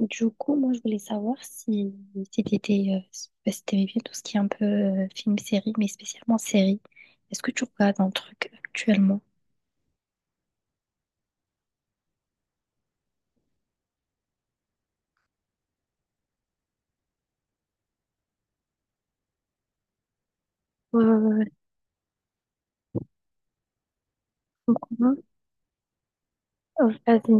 Du coup, moi, je voulais savoir si t'étais, si t'aimais bien tout ce qui est un peu film-série, mais spécialement série. Est-ce que tu regardes un truc actuellement? Ouais, ouais, ouais. Non. Oh, vas-y,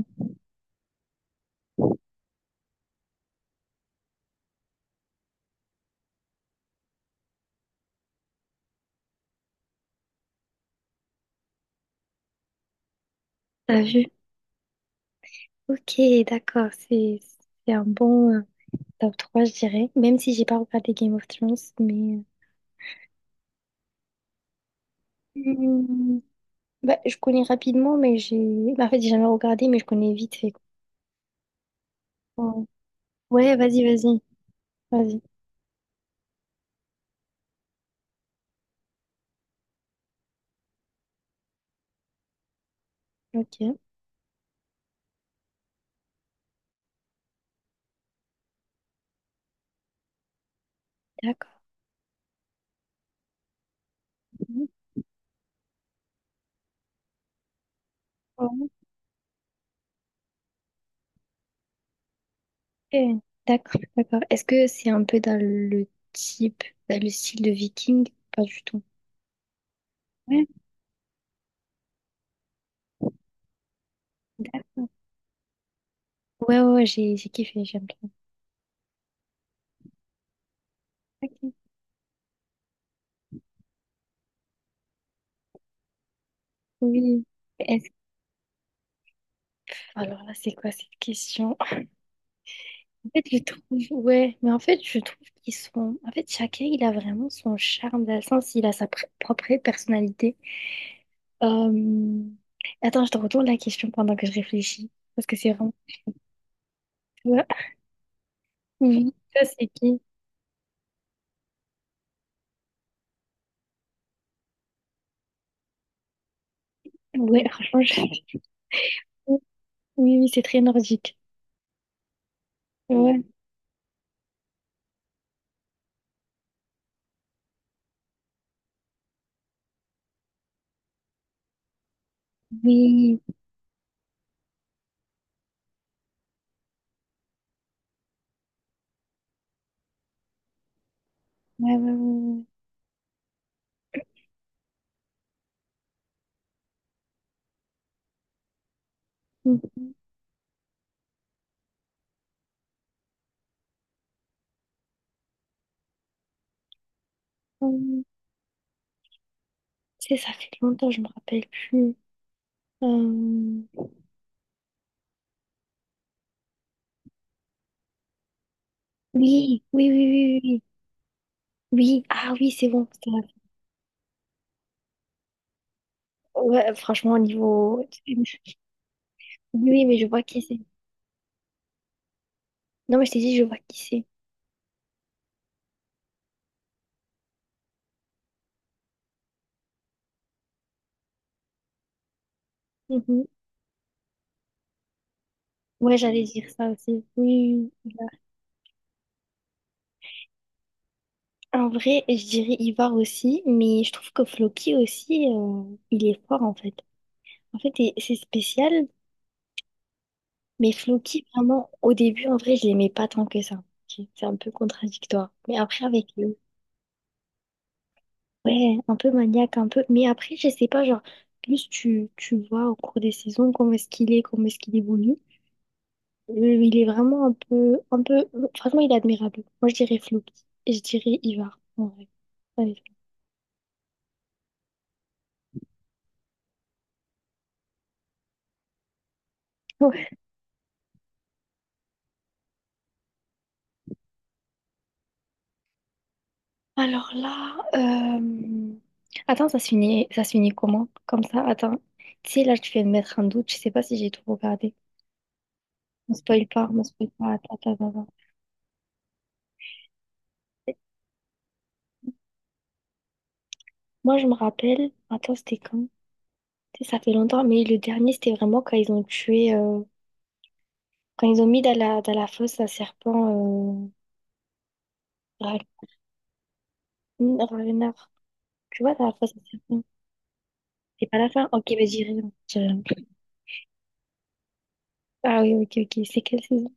t'as vu? Ok, d'accord, c'est un bon top 3, je dirais. Même si j'ai pas regardé Game of Thrones, mais... Hmm, bah, je connais rapidement, mais j'ai... Bah, en fait, j'ai jamais regardé, mais je connais vite fait, quoi. euh, Ouais, vas-y, vas-y, vas-y. Ok, d'accord. Ok, d'accord, d'accord. Est-ce que c'est un peu dans le type, dans le style de Viking? Pas du tout. Ouais. D'accord. Ouais, ouais, ouais, j'ai kiffé, j'aime bien. Ok, oui. Est-ce... Alors là, c'est quoi cette question? En fait, je trouve, ouais, mais en fait, je trouve qu'ils sont. En fait, chacun, il a vraiment son charme, dans le sens, il a propre personnalité. Euh, Attends, je te retourne la question pendant que je réfléchis, parce que c'est vraiment. Toi. Oui, toi, c'est qui? Ouais, franchement, je... Oui, oui, c'est très nordique. Ouais. Oui. Ouais, ouais, ouais, ouais. Mhm. Tu sais, ça fait longtemps, je me rappelle plus. Euh, Oui, oui, oui, oui, oui. Oui. Oui, ah oui, c'est bon, c'est vrai. Ouais, franchement, au niveau... Oui, oui, mais je vois qui c'est. Non, mais je t'ai dit, je vois qui c'est. Mhm. Ouais, j'allais dire ça aussi. Oui, oui. En vrai, je dirais Ivar aussi, mais je trouve que Floki aussi, il est fort, en fait. En fait, c'est spécial. Mais Floki, vraiment, au début, en vrai, je l'aimais pas tant que ça. C'est un peu contradictoire. Mais après, avec lui, ouais, un peu maniaque, un peu. Mais après, je sais pas, genre, plus tu vois au cours des saisons comment est-ce qu'il est, comment est-ce qu'il évolue. Euh, il est vraiment un peu, un peu. Franchement, il est admirable. Moi, je dirais Floki. Et je dirais Ivar, en vrai. Allez. Ouais. Alors là, euh, attends, ça se finit comment? Comme ça, attends. Tu sais, là, tu viens de mettre un doute. Je sais pas si j'ai tout regardé. On spoil pas, on spoil pas. Attends, attends, attends. Attends. Moi, je me rappelle, attends, c'était quand? Tu sais, ça fait longtemps, mais le dernier, c'était vraiment quand ils ont tué, quand ils ont mis dans dans la fosse un serpent, Ra- hmm, Ragnar. Tu vois, dans la fosse un serpent. C'est pas la fin? Ok, vas-y, dis rien, dis rien. Ah oui, ok, ok. C'est quelle saison?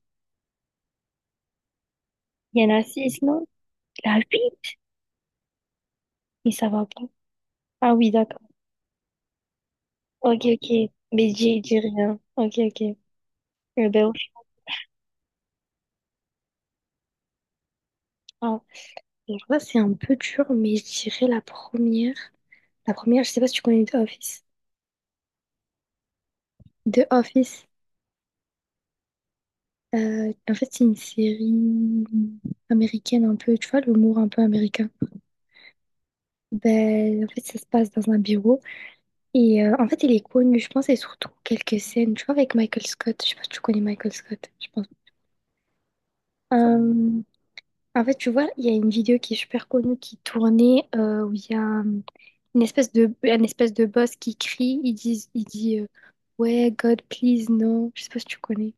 Il y en a six, non? La huit? Mais ça va pas. Ah oui, d'accord. Ok, ok. Mais dis, dis rien. Ok, ok. Eh ben, on- ah. Alors là, c'est un peu dur, mais je dirais la première. La première, je sais pas si tu connais The Office. The Office, en fait, c'est une série américaine un peu, tu vois, l'humour un peu américain. Ben, en fait, ça se passe dans un bureau. Et en fait, il est connu, je pense, et surtout quelques scènes, tu vois, avec Michael Scott. Je sais pas si tu connais Michael Scott, je pense. Euh, En fait, tu vois, il y a une vidéo qui est super connue qui tournait où il y a une espèce de, un espèce de boss qui crie, il dit ouais, God, please, non. Je sais pas si tu connais.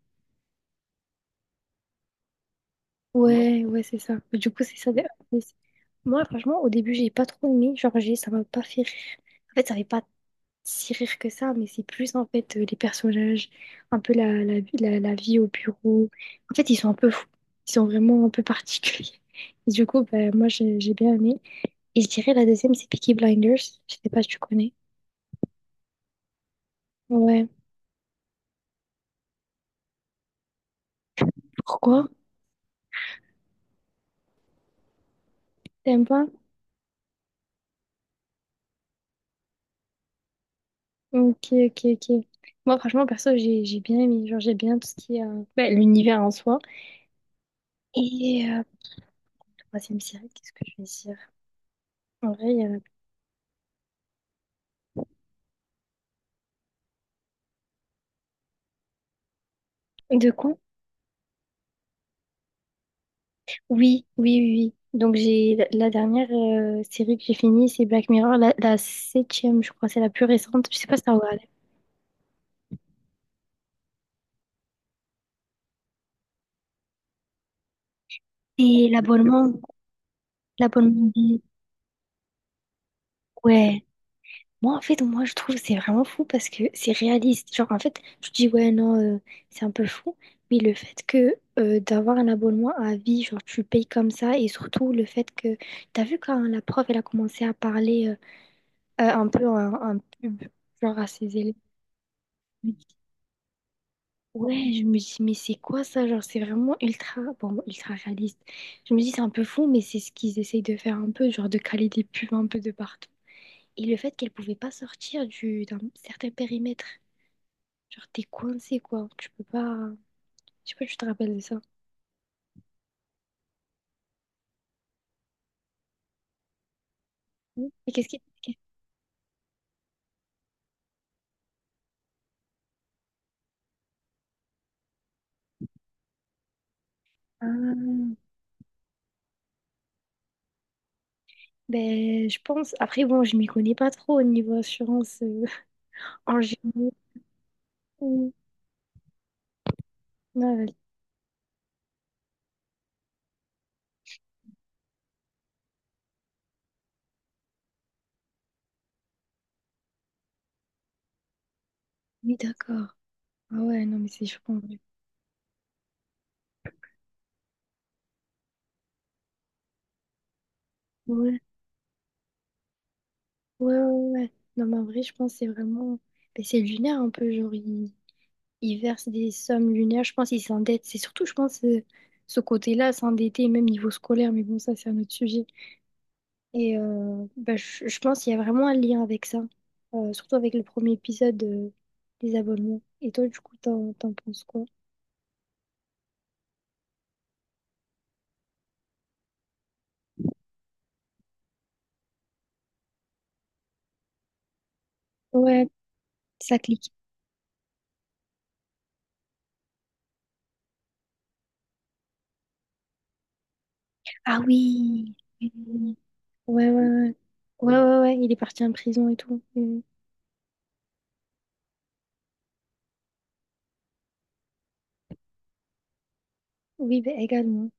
Ouais, ouais, c'est ça. Mais du coup, c'est ça. Des- mais moi, franchement, au début, j'ai pas trop aimé. Genre, ça m'a pas fait rire. En fait, ça fait pas si rire que ça, mais c'est plus, en fait, les personnages, un peu la vie au bureau. En fait, ils sont un peu fous. Ils sont vraiment un peu particuliers. Et du coup, bah, moi, j'ai bien aimé. Et je dirais, la deuxième, c'est Peaky Blinders. Je sais pas si tu connais. Ouais. Pourquoi? T'aimes pas? Ok, ok, ok. Moi, franchement, perso, j'ai bien aimé. Genre, j'ai bien tout ce qui est bah, l'univers en soi. Et troisième série, qu'est-ce que je vais dire? En vrai, il y en de quoi? Oui, oui, oui, oui. Donc, j'ai la dernière série que j'ai finie, c'est Black Mirror, la septième, je crois, c'est la plus récente. Je sais pas si t'as regardé. Et l'abonnement, l'abonnement. Des- Ouais. Moi, en fait, moi, je trouve que c'est vraiment fou parce que c'est réaliste. Genre, en fait, je dis, ouais, non, c'est un peu fou. Mais le fait que d'avoir un abonnement à vie, genre, tu payes comme ça, et surtout le fait que. T'as vu quand la prof, elle a commencé à parler. Un peu un pub, genre à ses élèves. Ouais, je me dis, mais c'est quoi ça? Genre, c'est vraiment ultra, bon, ultra réaliste. Je me dis, c'est un peu fou, mais c'est ce qu'ils essayent de faire un peu, genre de caler des pubs un peu de partout. Et le fait qu'elle pouvait pas sortir d'un certain périmètre. Genre, t'es coincé, quoi. Tu peux pas. Je sais pas, si tu te rappelles de ça. Mais qu'est-ce qui. Qu'est- ah, ben, je pense. Après, bon, je m'y connais pas trop au niveau assurance en général. Non. Oui, d'accord. Ah ouais, non, mais c'est choquant. Ouais, ouais, ouais, ouais. Non, mais en vrai, je pense que c'est vraiment. Ben, c'est lunaire un peu, genre, ils il versent des sommes lunaires. Je pense qu'ils s'endettent. C'est surtout, je pense, ce côté-là, s'endetter, même niveau scolaire. Mais bon, ça, c'est un autre sujet. Et ben, je pense qu'il y a vraiment un lien avec ça. Surtout avec le premier épisode des abonnements. Et toi, du coup, t'en penses quoi? Ouais, ça clique. Ah oui! Oui, oui, oui. Ouais, ouais, ouais. Ouais, ouais, ouais, il est parti en prison et tout. Mm. Oui, bah également.